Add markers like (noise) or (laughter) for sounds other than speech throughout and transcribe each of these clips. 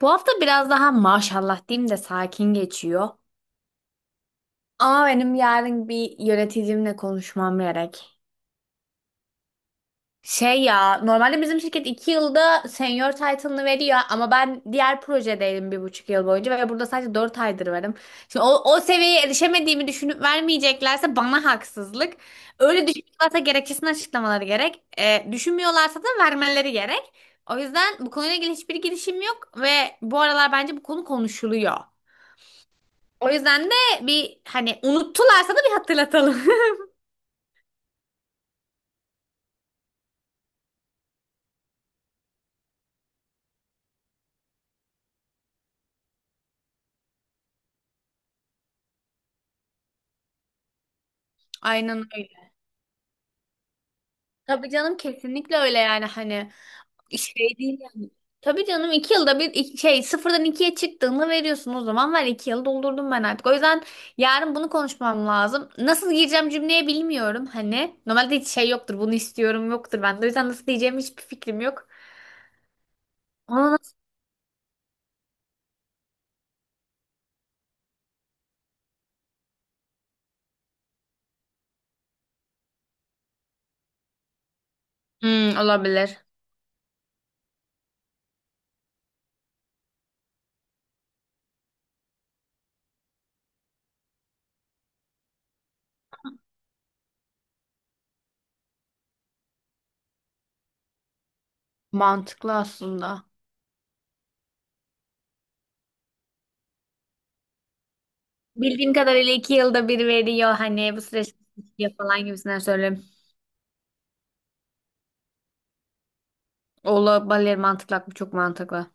Bu hafta biraz daha maşallah diyeyim de sakin geçiyor. Ama benim yarın bir yöneticimle konuşmam gerek. Şey ya, normalde bizim şirket 2 yılda senior title'ını veriyor ama ben diğer projedeydim bir buçuk yıl boyunca ve burada sadece 4 aydır varım. Şimdi o seviyeye erişemediğimi düşünüp vermeyeceklerse bana haksızlık. Öyle düşünüyorlarsa gerekçesini açıklamaları gerek. Düşünmüyorlarsa da vermeleri gerek. O yüzden bu konuyla ilgili hiçbir girişim yok ve bu aralar bence bu konu konuşuluyor. O yüzden de bir hani unuttularsa da bir hatırlatalım. (laughs) Aynen öyle. Tabii canım kesinlikle öyle yani hani şey değil yani. Tabii canım iki yılda bir şey sıfırdan ikiye çıktığını veriyorsun, o zaman ver, iki yıl doldurdum ben artık. O yüzden yarın bunu konuşmam lazım. Nasıl gireceğim cümleye bilmiyorum hani. Normalde hiç şey yoktur, bunu istiyorum yoktur bende. O yüzden nasıl diyeceğim hiçbir fikrim yok. Ona nasıl... Hmm, olabilir. Mantıklı aslında. Bildiğim kadarıyla iki yılda bir veriyor hani bu süreç falan gibisinden söylüyorum. Olabilir, mantıklı bu, çok mantıklı.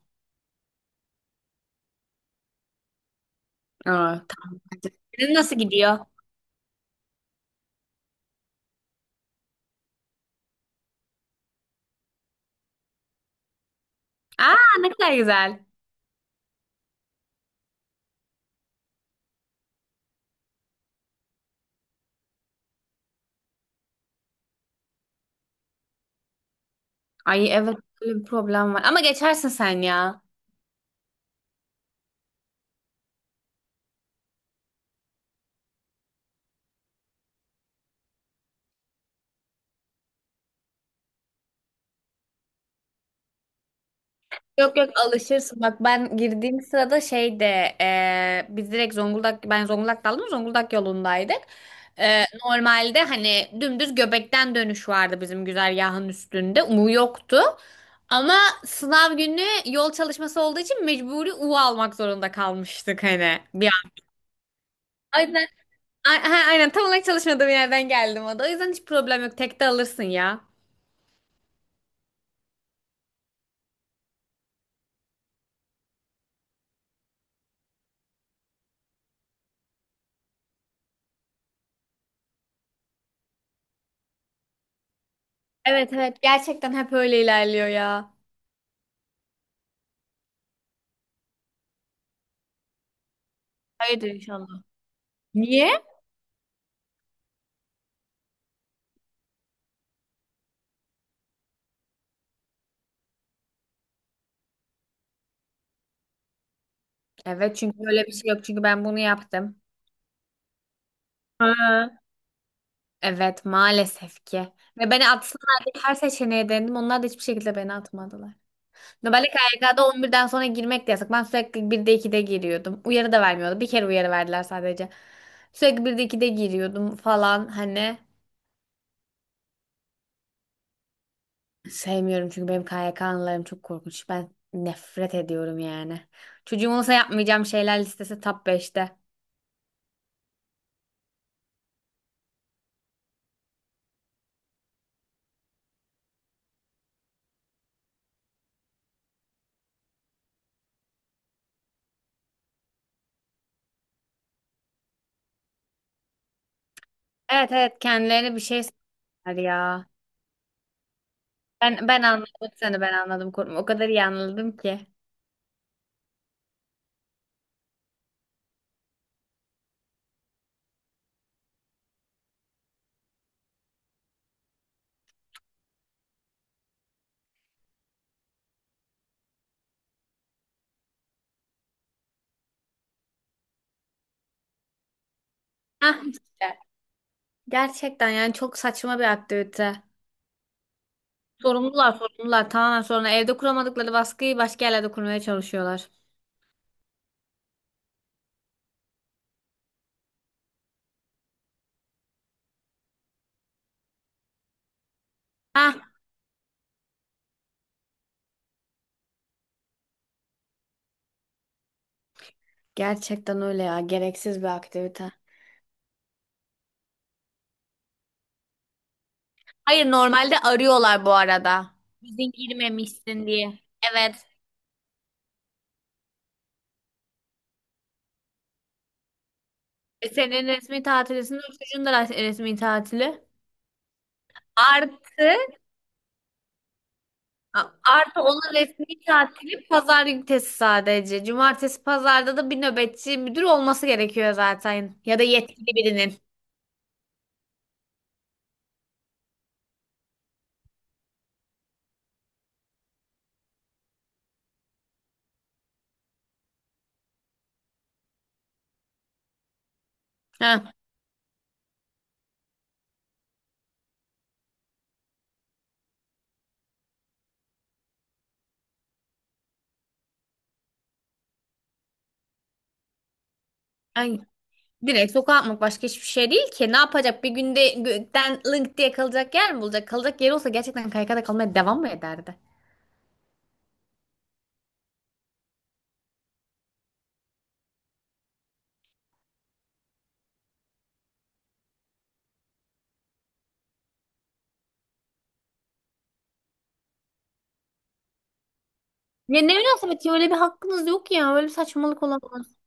Aa, tamam, hadi. Senin nasıl gidiyor? Aa, ne kadar güzel. Ay evet, böyle bir problem var. Ama geçersin sen ya. Yok yok, alışırsın. Bak ben girdiğim sırada şeyde biz direkt Zonguldak, ben Zonguldak'ta aldım, Zonguldak yolundaydık. Normalde hani dümdüz Göbek'ten dönüş vardı bizim güzergahın üstünde. U yoktu. Ama sınav günü yol çalışması olduğu için mecburi U almak zorunda kalmıştık hani bir an. Ha, aynen, tam olarak çalışmadığım yerden geldim o da. O yüzden hiç problem yok. Tek de alırsın ya. Evet evet, gerçekten hep öyle ilerliyor ya. Hayırdır inşallah. Niye? Evet, çünkü öyle bir şey yok. Çünkü ben bunu yaptım. Ha. Evet maalesef ki. Ve beni atsınlar diye her seçeneğe denedim. Onlar da hiçbir şekilde beni atmadılar. Normalde K Y K'da on birden sonra girmek de yasak. Ben sürekli 1'de 2'de giriyordum. Uyarı da vermiyordu. Bir kere uyarı verdiler sadece. Sürekli 1'de 2'de giriyordum falan hani. Sevmiyorum, çünkü benim KYK anılarım çok korkunç. Ben nefret ediyorum yani. Çocuğum olsa yapmayacağım şeyler listesi top 5'te. Evet evet, kendilerine bir şey söyler ya. Ben anladım seni, ben anladım, korkma. O kadar iyi anladım ki. Hah işte. Gerçekten yani çok saçma bir aktivite. Sorumlular tamamen sonra evde kuramadıkları baskıyı başka yerlerde kurmaya çalışıyorlar. Hah, gerçekten öyle ya, gereksiz bir aktivite. Hayır, normalde arıyorlar bu arada. Bizim girmemişsin diye. Evet. E, senin resmi tatilisinde o çocuğun da resmi tatili. Artı artı onun resmi tatili pazar günü sadece. Cumartesi pazarda da bir nöbetçi müdür olması gerekiyor zaten. Ya da yetkili birinin. Ha. Ay, direkt sokağa atmak başka hiçbir şey değil ki. Ne yapacak? Bir günde gökten link diye kalacak yer mi bulacak? Kalacak yeri olsa gerçekten kaykada kalmaya devam mı ederdi? Ya ne münasebet ya, öyle bir hakkınız yok ya. Öyle bir saçmalık olamaz.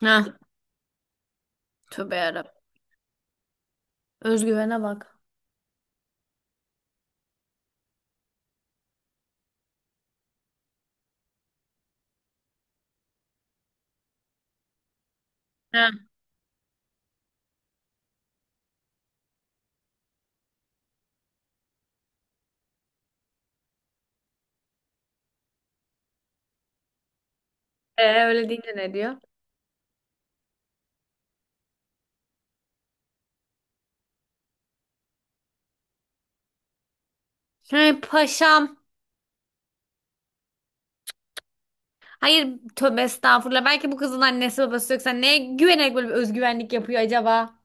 Ha. Tövbe yarabbim. Özgüvene bak. Öyle deyince ne diyor? Hey paşam. Hayır, tövbe estağfurullah. Belki bu kızın annesi babası yoksa neye güvenerek böyle bir özgüvenlik yapıyor acaba?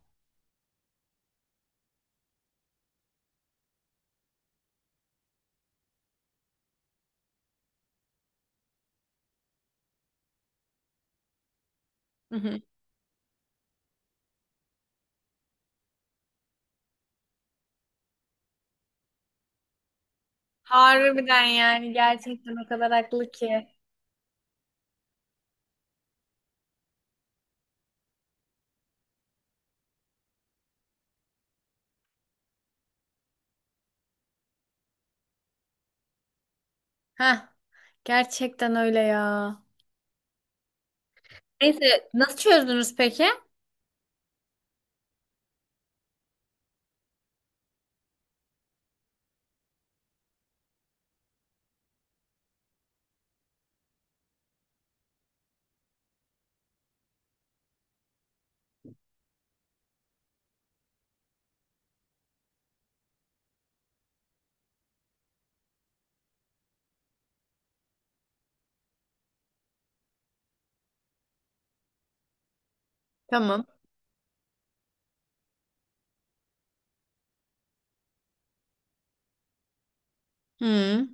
Hı hı. Harbiden yani, gerçekten o kadar haklı ki. Heh, gerçekten öyle ya. Neyse, nasıl çözdünüz peki? Tamam. Hı,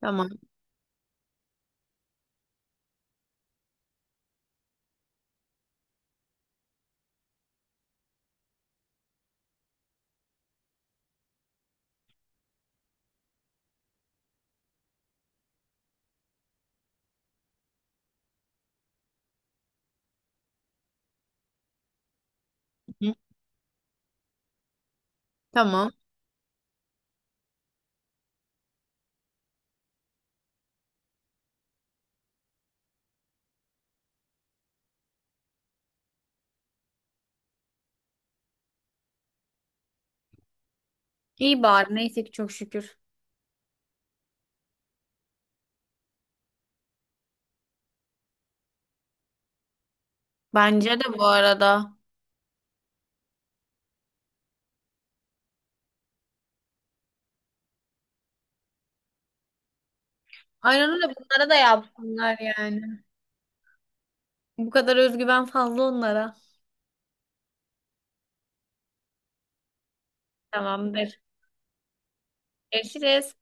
tamam. Hı, tamam. İyi bari, neyse ki çok şükür. Bence de bu arada. Aynen öyle, bunlara da yapsınlar yani. Bu kadar özgüven fazla onlara. Tamamdır. Görüşürüz.